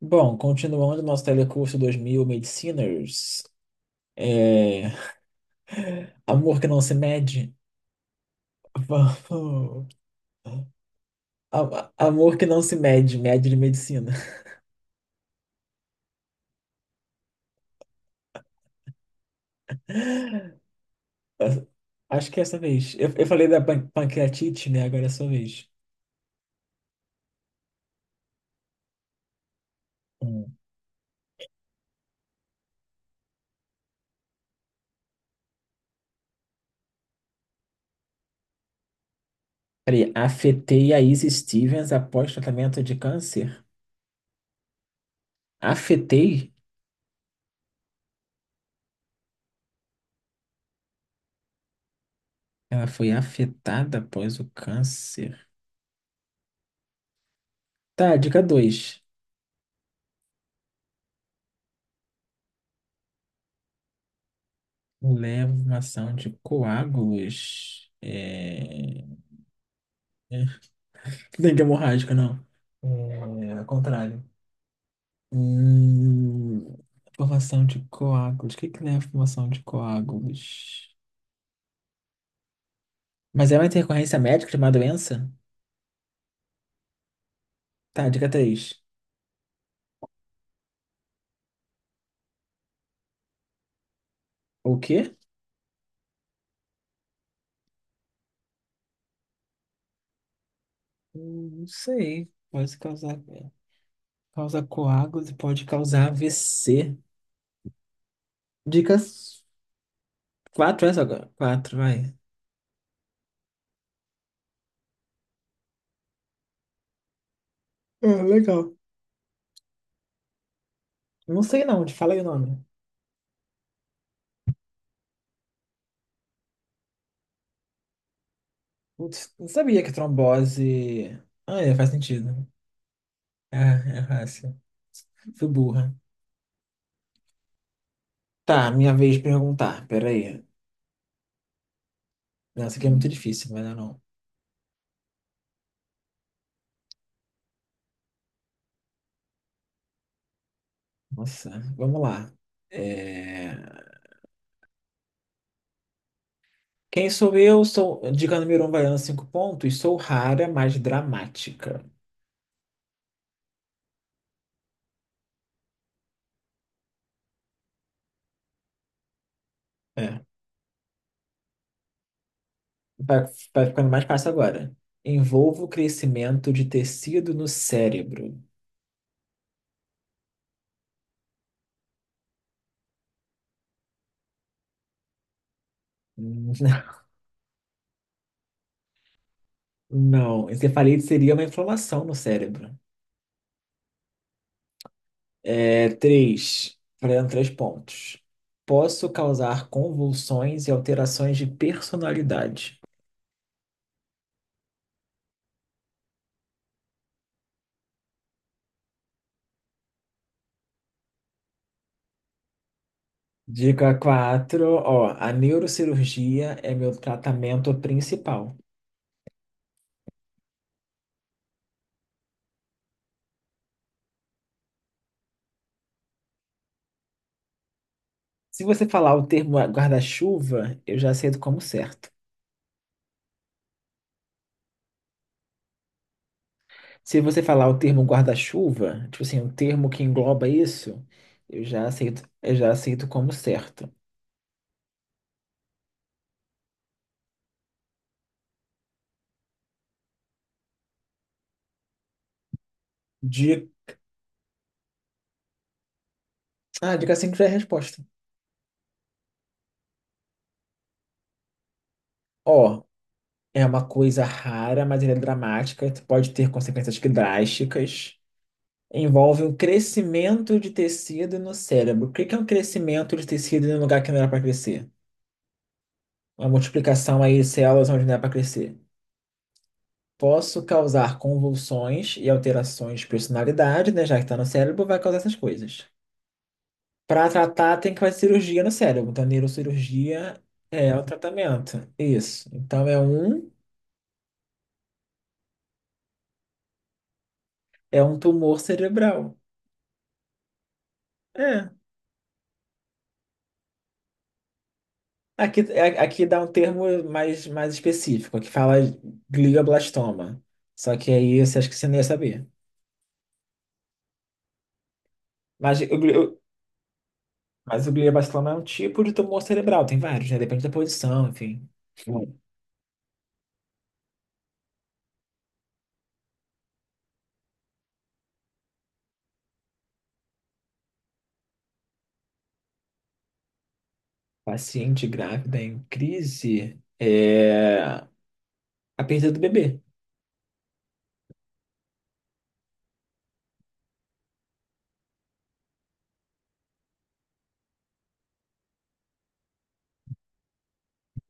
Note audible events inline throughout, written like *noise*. Bom, continuando nosso telecurso 2000 Mediciners, é, amor que não se mede, *laughs* vamos- amor que não se mede, mede de medicina. *laughs* Acho que é essa vez. Eu falei da pancreatite, né? Agora é a sua vez. Hum. Peraí, afetei a Izzy Stevens após tratamento de câncer? Afetei? Ela foi afetada após o câncer. Tá, dica dois. Leva uma ação de coágulos. É, Dente hemorrágica, não. É, ao contrário. Hum, formação de coágulos. O que que leva à formação de coágulos? Mas é uma intercorrência médica de uma doença? Tá, dica 3. O quê? Não sei. Pode causar. Causa coágulos e pode causar AVC. Dicas 4, essa agora? Quatro, vai. É, legal. Não sei não, te fala aí o nome. Putz, não sabia que trombose. Ah, é, faz sentido. É, é fácil. Fui burra. Tá, minha vez de perguntar. Peraí. Nossa, aqui é muito difícil, mas não. É não. Nossa, vamos lá. É, Quem sou eu? Sou diga número um, valendo cinco pontos. Sou rara, mas dramática. É. Vai, vai ficando mais fácil agora. Envolvo crescimento de tecido no cérebro. Hum. *laughs* Não, encefalite seria uma inflamação no cérebro. É, três, valendo três pontos. Posso causar convulsões e alterações de personalidade. Dica 4, ó, a neurocirurgia é meu tratamento principal. Se você falar o termo guarda-chuva, eu já aceito como certo. Se você falar o termo guarda-chuva, tipo assim, um termo que engloba isso, eu já aceito como certo. Dica, dica 5 já é a resposta. Ó, é uma coisa rara, mas ela é dramática, pode ter consequências que drásticas. Envolve um crescimento de tecido no cérebro. O que que é um crescimento de tecido em um lugar que não era para crescer? Uma multiplicação aí de células onde não é para crescer. Posso causar convulsões e alterações de personalidade, né? Já que está no cérebro, vai causar essas coisas. Para tratar, tem que fazer cirurgia no cérebro. Então, neurocirurgia é o tratamento. Isso. É um tumor cerebral. É. Aqui, aqui dá um termo mais específico, que fala glioblastoma. Só que aí você acha que você não ia saber. Mas o, gli- Mas o glioblastoma é um tipo de tumor cerebral, tem vários, né? Depende da posição, enfim. Hum. Paciente grávida em crise é a perda do bebê.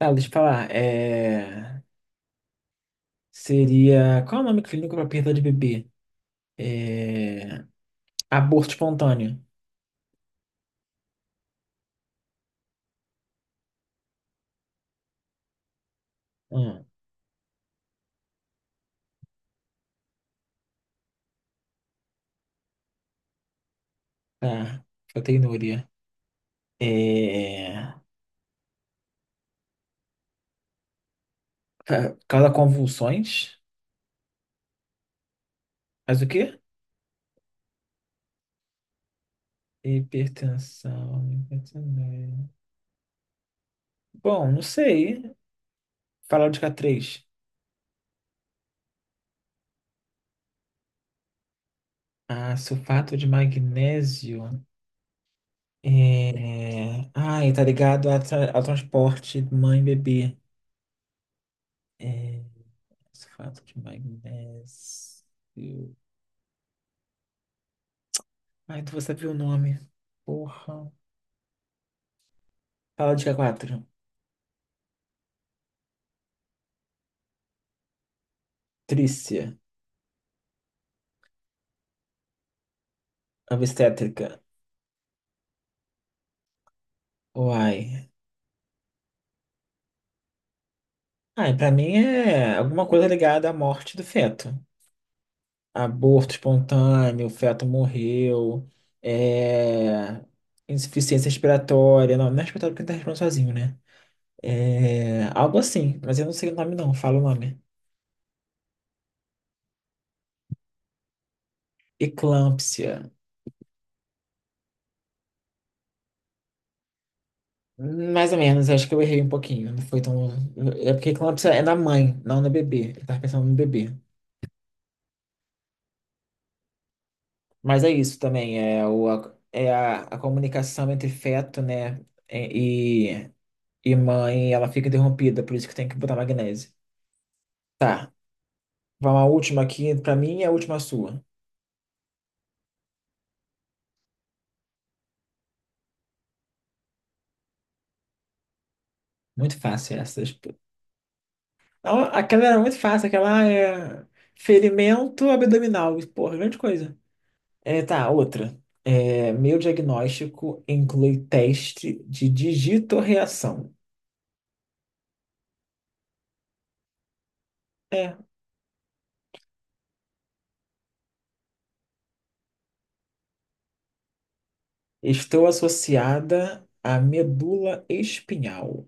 Ah, deixa eu falar. Seria. Qual é o nome clínico para perda de bebê? É, Aborto espontâneo. Hum, tá. Proteinúria. É... Causa convulsões? Faz o quê? Hipertensão. Bom, não sei. Falar de K3. Ah, sulfato de magnésio. É... Ai, tá ligado a ao transporte mãe e bebê. Sulfato de magnésio. Ai, tu vai saber o nome. Porra. Fala dica quatro. Trícia. Obstétrica. Uai. Ai, pra mim é alguma coisa ligada à morte do feto. Aborto espontâneo, o feto morreu. É... Insuficiência respiratória. Não, não é respiratória porque ele tá respirando sozinho, né? É, algo assim, mas eu não sei o nome não, fala o nome. Eclâmpsia. Mais ou menos, acho que eu errei um pouquinho. Não foi tão. É porque eclâmpsia é na mãe, não no bebê. Eu tava pensando no bebê. Mas é isso também, é, o, a, é a comunicação entre feto, né? E, e mãe, ela fica interrompida, por isso que tem que botar magnésio. Tá, vamos à última aqui, pra mim é a última sua. Muito fácil essa. Tipo. Não, aquela era muito fácil, aquela é ferimento abdominal, porra, grande coisa. É, tá, outra. É, meu diagnóstico inclui teste de digitorreação. É, estou associada à medula espinhal.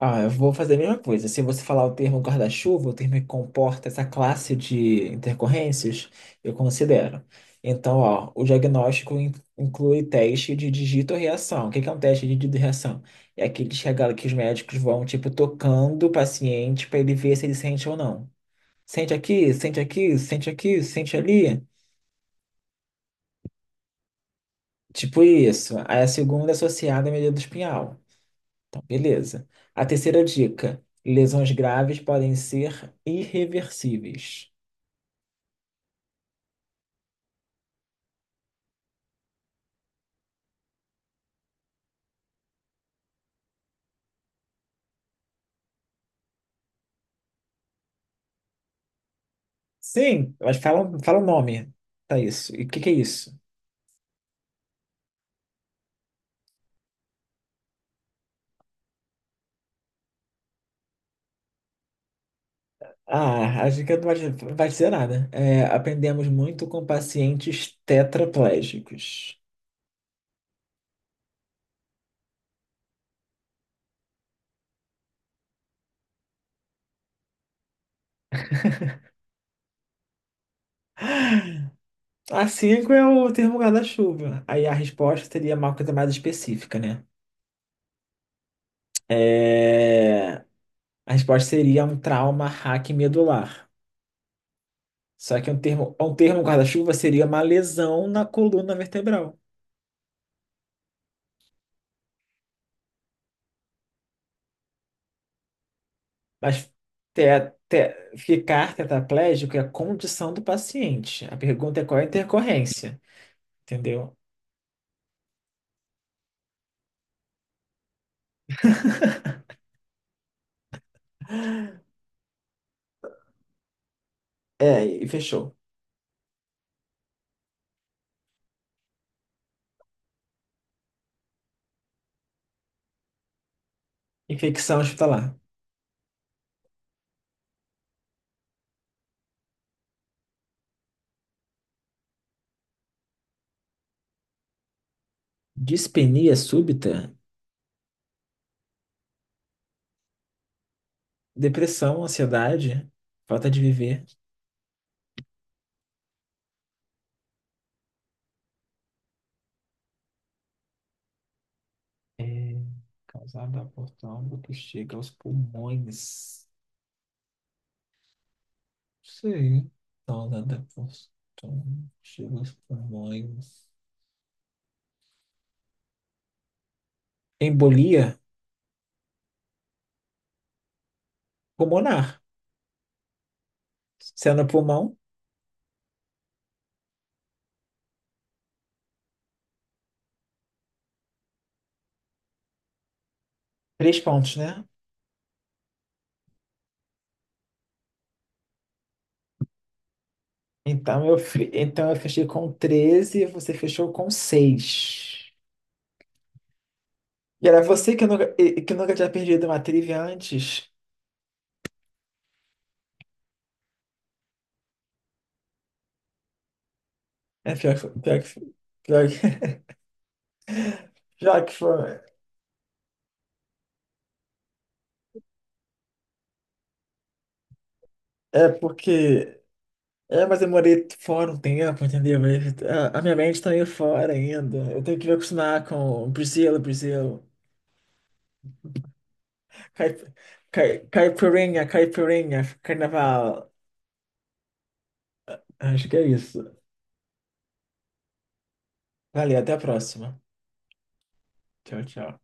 Ah, eu vou fazer a mesma coisa. Se você falar o termo guarda-chuva, o termo que comporta essa classe de intercorrências, eu considero. Então, ó, o diagnóstico inclui teste de digitorreação. O que que é um teste de digitorreação? É aquele que, que os médicos vão, tipo, tocando o paciente para ele ver se ele sente ou não. Sente aqui, sente aqui, sente aqui, sente ali. Tipo isso. Aí a segunda é associada à medida espinhal. Então, beleza. A terceira dica: lesões graves podem ser irreversíveis. Sim, mas fala o nome para isso. E o que que é isso? Ah, a dica não vai dizer nada. É, aprendemos muito com pacientes tetraplégicos. A cinco é o termo guarda-chuva. Aí a resposta seria uma coisa mais específica, né? É. A resposta seria um trauma hack medular. Só que um termo guarda-chuva seria uma lesão na coluna vertebral. Mas ficar tetraplégico é a condição do paciente. A pergunta é qual é a intercorrência, entendeu? É, e fechou. Infecção hospitalar. Dispenia súbita, depressão, ansiedade, falta de viver. É causada por trombo que chega aos pulmões. Sí, todas depois. Então, chega aos pulmões. Embolia pulmonar, sendo pulmão, três pontos, né? Então eu fechei com 13 e você fechou com 6. E era você que nunca, e- que nunca tinha perdido uma trivia antes. É pior que foi. Pior que foi. Pior que, *laughs* pior que foi. É porque. É, mas eu morei fora um tempo, entendeu? Mas a minha mente tá meio fora ainda. Eu tenho que me acostumar com o Brasil, Brasil. Caip- Caipirinha, caipirinha, carnaval. Acho que é isso. Valeu, até a próxima. Tchau, tchau.